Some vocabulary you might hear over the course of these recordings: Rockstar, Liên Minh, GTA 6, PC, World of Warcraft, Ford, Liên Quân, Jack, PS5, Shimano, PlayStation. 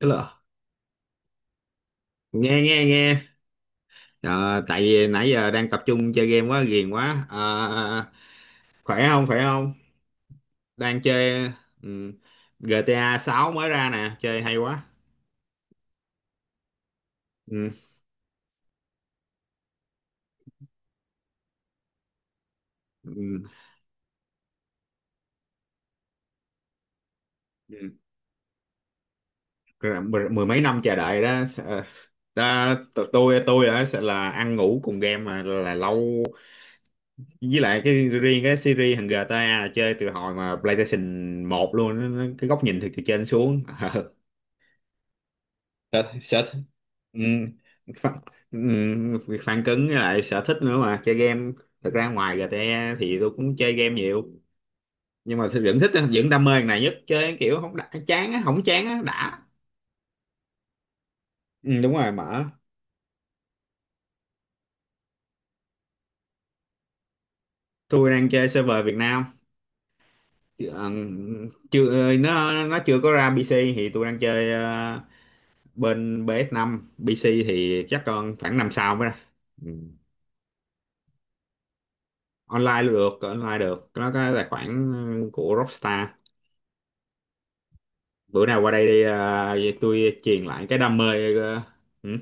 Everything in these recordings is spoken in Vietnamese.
Tức là nghe nghe nghe. Ờ, tại vì nãy giờ đang tập trung chơi game quá ghiền quá. Ờ, Khỏe không, khỏe không? Đang chơi. ừ, GTA 6 mới ra nè, chơi hay quá. ừ, ừ, ừ. Rồi mười mấy năm chờ đợi đó. Ờ, ta, t- tôi đã sợ là ăn ngủ cùng game mà là lâu, với lại cái riêng cái series thằng GTA là chơi từ hồi mà PlayStation một luôn. Cái góc nhìn từ từ trên xuống. Ờ, sở, sở, ừ, phản, ừ, việc phản cứng với lại sở thích nữa mà chơi game. Thật ra ngoài GTA thì tôi cũng chơi game nhiều, nhưng mà tôi vẫn thích, vẫn đam mê cái này nhất. Chơi kiểu không đã, chán á, không chán á đã. Ừ, Đúng rồi, mở. Tôi đang chơi server Việt Nam. Ờ, Chưa, nó chưa có ra PC, thì tôi đang chơi bên PS5. PC thì chắc còn khoảng năm sau mới ra. Ừ. Online luôn, được online được, nó có tài khoản của Rockstar. Bữa nào qua đây đi à, vậy tôi truyền lại cái đam mê ừ,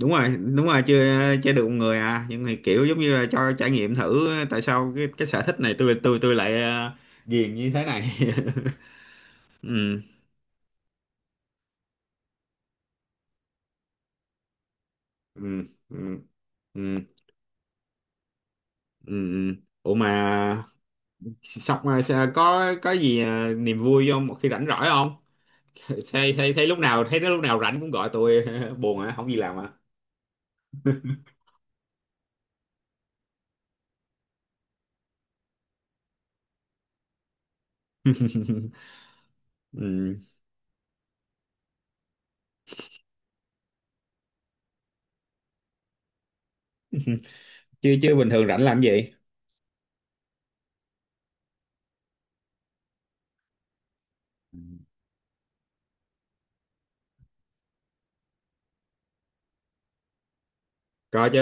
đúng rồi, đúng rồi. Chưa, chưa được một người à, nhưng mà kiểu giống như là cho trải nghiệm thử tại sao cái sở thích này tôi lại uh, ghiền như thế này. Ừ, ừ, ừ, ừ, ừ. Ừ. Ủa mà có gì à, niềm vui không, một khi rảnh rỗi không? Thấy thấy thấy lúc nào, thấy nó lúc nào rảnh cũng gọi tôi. Buồn hả, không gì làm à? Ừ. Chưa, chứ bình thường rảnh làm gì? Có chứ,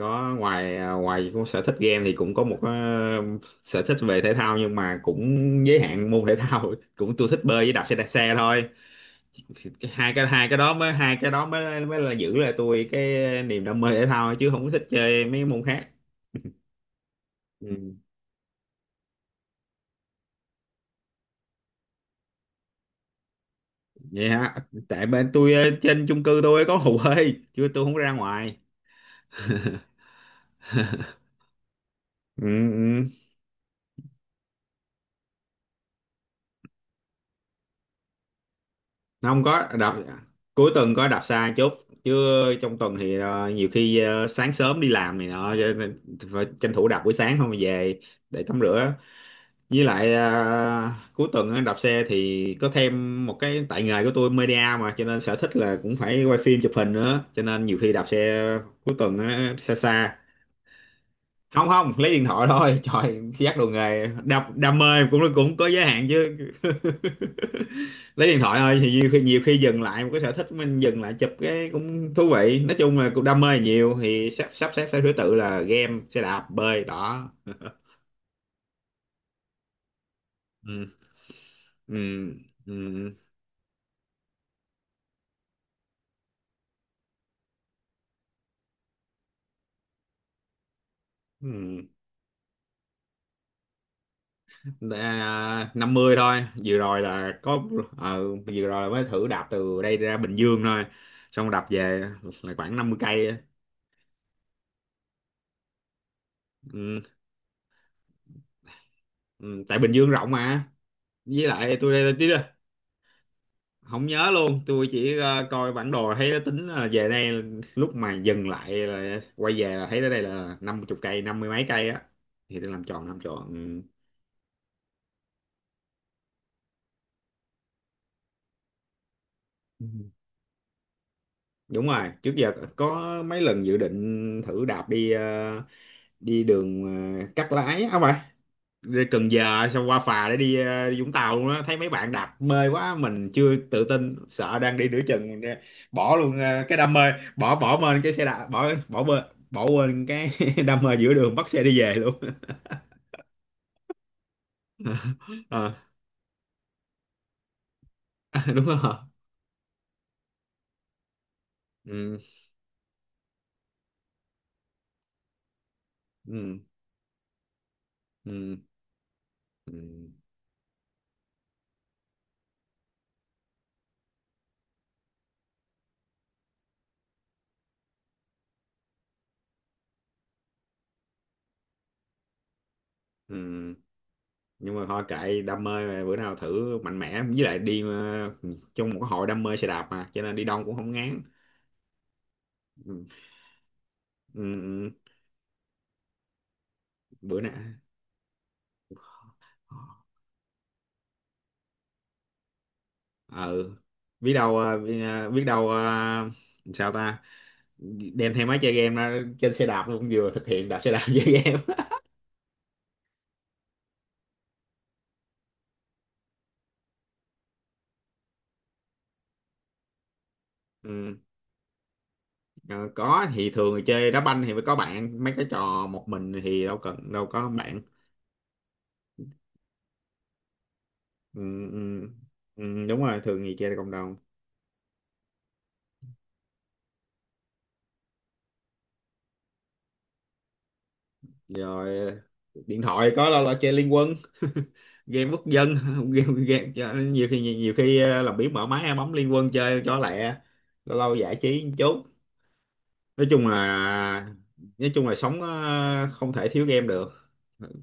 có ngoài à, ngoài cũng sở thích game thì cũng có một sở thích về thể thao nhưng mà cũng giới hạn môn thể thao. Cũng tôi thích bơi với đạp xe, đạp xe thôi. Hai cái, hai cái đó mới, hai cái đó mới mới là giữ lại tôi cái niềm đam mê thể thao chứ không có thích chơi mấy môn khác. Ừ. Vậy hả, tại bên tôi trên chung cư tôi có hồ bơi chứ tôi không có ra ngoài. Ừ, ừ. Không có đạp, cuối tuần có đạp xa chút chứ trong tuần thì nhiều khi sáng sớm đi làm này nọ, cho nên phải tranh thủ đạp buổi sáng, không về để tắm rửa. Với lại cuối tuần á, đạp xe thì có thêm một cái, tại nghề của tôi media mà, cho nên sở thích là cũng phải quay phim chụp hình nữa, cho nên nhiều khi đạp xe cuối tuần á, xa xa. Không không, lấy điện thoại thôi. Trời giác đồ nghề, đam mê cũng cũng có giới hạn chứ. Lấy điện thoại thôi, thì nhiều khi, nhiều khi dừng lại một cái, sở thích của mình dừng lại chụp cái cũng thú vị. Nói chung là cũng đam mê nhiều thì sắp sắp xếp theo thứ tự là game, xe đạp, bơi đó. Ừ. Ừ. Ừ. Ừ. À, 50 thôi, vừa rồi là có vừa rồi là mới thử đạp từ đây ra Bình Dương thôi, xong đạp về là khoảng 50 cây á. Ừ. Ừ. Tại Bình Dương rộng mà. Với lại tôi đây không nhớ luôn, tôi chỉ coi bản đồ thấy nó tính là về đây, lúc mà dừng lại là quay về là thấy tới đây là 50 cây, 50 mấy cây á, thì tôi làm tròn ừ. Ừ. Đúng rồi, trước giờ có mấy lần dự định thử đạp đi đi đường cắt lái á, không phải, đi Cần Giờ xong qua phà để đi, đi Vũng Tàu luôn á. Thấy mấy bạn đạp mê quá, mình chưa tự tin, sợ đang đi nửa chừng bỏ luôn cái đam mê, bỏ bỏ bên cái xe đạp, bỏ bỏ bên, bỏ quên cái đam mê giữa đường, bắt xe đi về luôn. Ờ, đúng rồi. Ừ, ừ, ừ, ừ, ừ. Nhưng mà thôi kệ đam mê mà, bữa nào thử mạnh mẽ, với lại đi trong một cái hội đam mê xe đạp mà cho nên đi đông cũng không ngán. Ừ, ừ, ừ, bữa nào ừ. Biết đâu biết đâu sao ta, đem theo máy chơi game ra trên xe đạp luôn, vừa thực hiện đạp xe đạp chơi game. Ừ. ờ, có thì, thường thì chơi đá banh thì phải có bạn, mấy cái trò một mình thì đâu cần, đâu có bạn. Ừ, ừ, ừ, đúng rồi, thường thì chơi cộng đồng. Rồi điện thoại có đâu là chơi Liên Quân. Game quốc dân. Game chơi- nhiều khi, khi làm biếng mở máy bấm Liên Quân chơi cho lẹ, lâu lâu giải trí một chút. Nói chung là, nói chung là sống không thể thiếu game được.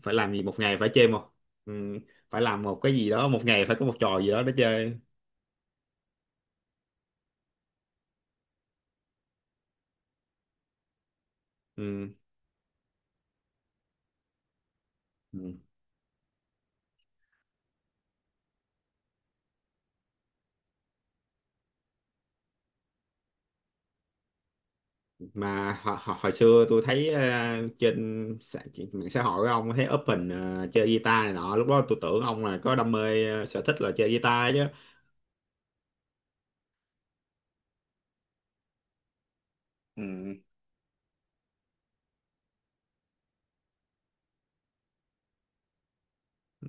Phải làm gì, một ngày phải chơi một, ừ, phải làm một cái gì đó, một ngày phải có một trò gì đó để chơi. Ừ. Ừ. Mà hồi xưa tôi thấy trên trên mạng xã hội của ông thấy up hình chơi guitar này nọ, lúc đó tôi tưởng ông là có đam mê sở thích là chơi guitar chứ. Ừ. Ừ.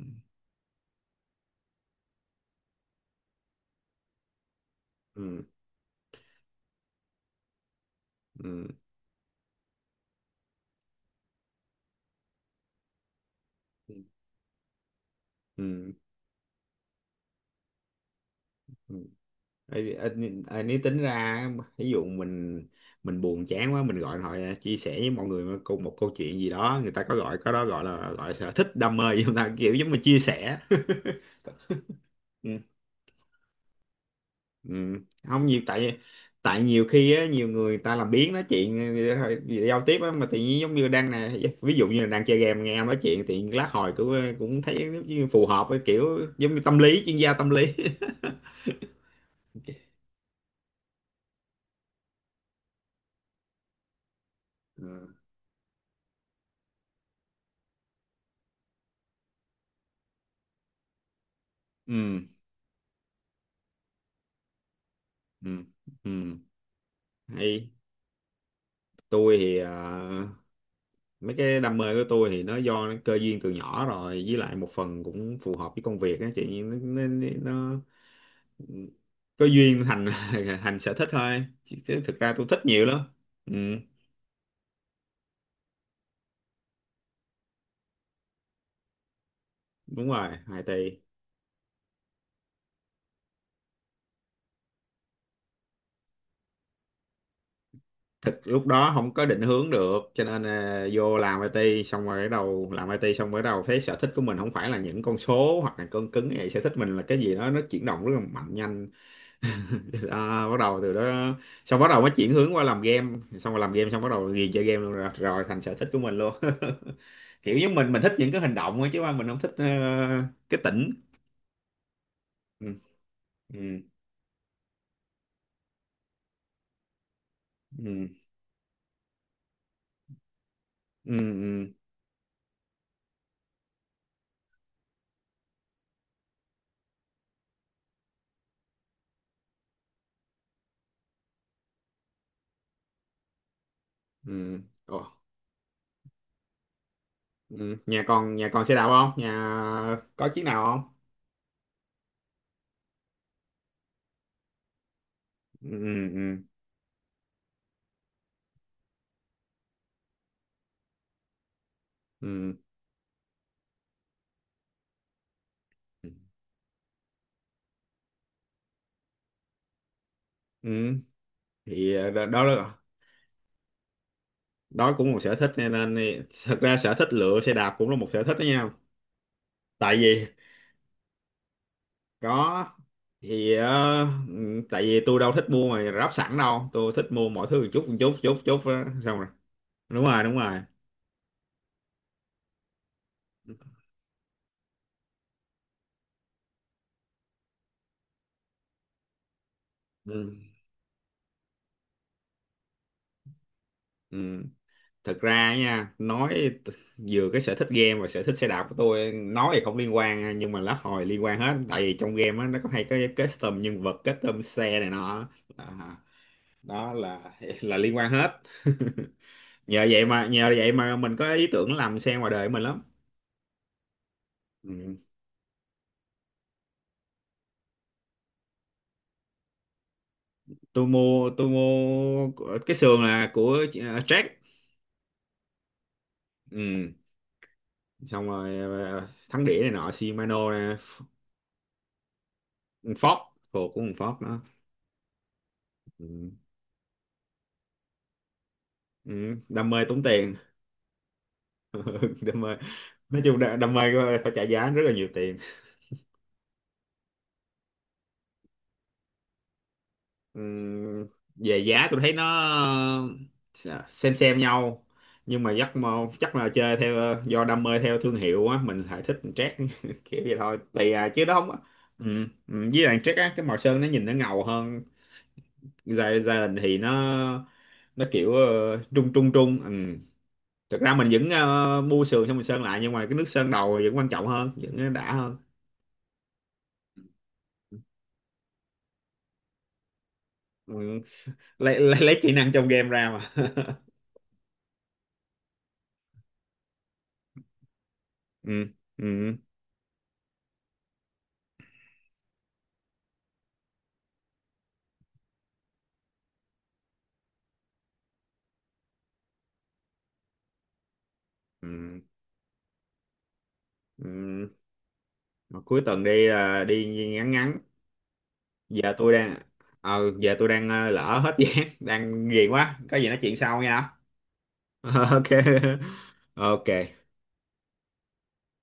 Ừ. Ừ. Ừ. Ừ. Ê, ê, ê, nếu tính ra, ví dụ mình buồn chán quá mình gọi hỏi chia sẻ với mọi người cùng một câu chuyện gì đó, người ta có gọi, có đó gọi là gọi sở thích đam mê gì không ta, kiểu giống như chia sẻ. Ừ. Ừ. Không nhiều, tại, tại nhiều khi á, nhiều người ta làm biếng nói chuyện thôi, giao tiếp á, mà tự nhiên giống như đang nè, ví dụ như là đang chơi game nghe em nói chuyện thì lát hồi cũng cũng thấy giống như phù hợp với kiểu giống như tâm lý, chuyên gia tâm lý. Ừ, ừ, ừ, ừ. Hay tôi thì mấy cái đam mê của tôi thì nó do nó cơ duyên từ nhỏ rồi, với lại một phần cũng phù hợp với công việc á chị. Nó có duyên thành thành sở thích thôi, chứ, chứ thực ra tôi thích nhiều lắm. Ừ, đúng rồi, IT. Thực lúc đó không có định hướng được, cho nên à, vô làm IT xong rồi bắt đầu, làm IT xong rồi bắt đầu thấy sở thích của mình không phải là những con số hoặc là cân cứng, vậy sở thích mình là cái gì đó nó chuyển động rất là mạnh, nhanh. À, bắt đầu từ đó, xong bắt đầu mới chuyển hướng qua làm game, xong rồi làm game xong bắt đầu ghiền chơi game luôn rồi, rồi thành sở thích của mình luôn. Kiểu như mình thích những cái hành động ấy, chứ mà mình không thích cái tỉnh. Ừ. Ừ. Ừ. Ừ. Ừ. Ừ. Ồ. Ừ. Nhà còn, nhà còn xe đạp không, nhà có chiếc nào không? Ừ. Ừ. Ừ. Ừ. Ừ. Thì đó đó là, đó cũng một sở thích cho nên thì- thật ra sở thích lựa xe đạp cũng là một sở thích đó nha. Tại vì có thì ừ, tại vì tôi đâu thích mua mà ráp sẵn đâu, tôi thích mua mọi thứ một chút, một chút, chút chút đó, xong rồi. Đúng rồi, đúng rồi. Ừ. Ừ. Thực ra nha nói, t- vừa cái sở thích game và sở thích xe đạp của tôi nói thì không liên quan nha, nhưng mà lát hồi liên quan hết, tại vì trong game á nó có hay cái custom nhân vật, custom xe này nọ. À, đó là là liên quan hết. Nhờ vậy mà, nhờ vậy mà mình có ý tưởng làm xe ngoài đời của mình lắm. Ừ. tôi mua của- cái sườn là của Jack. Ừ. Xong rồi thắng đĩa này nọ Shimano nè. F- Ford, thuộc của con Ford đó. Ừ. Ừ. Đam mê tốn tiền. Ừ, đam mê nói chung, đam mê phải trả giá rất là nhiều tiền. Ừ. Về giá tôi thấy nó ờ, xem nhau, nhưng mà chắc là chơi theo do đam mê theo thương hiệu á, mình lại thích Jack. Kiểu vậy thôi, tùy à chứ đó không. Ừ. Ừ, với lại Jack á cái màu sơn nó nhìn nó ngầu hơn. Gia- gia đình thì nó kiểu trung trung trung ừ. Thực ra mình vẫn mua sườn xong mình sơn lại, nhưng mà cái nước sơn đầu vẫn quan trọng hơn, vẫn đã hơn. Ừ. lấy kỹ năng trong game ra mà. Ừ. Ừ. Ừ. Ừ. Mà cuối tuần đi là đi ngắn ngắn. Giờ tôi đang, lỡ hết giá đang ghiền quá, có gì nói chuyện sau nha. OK, OK.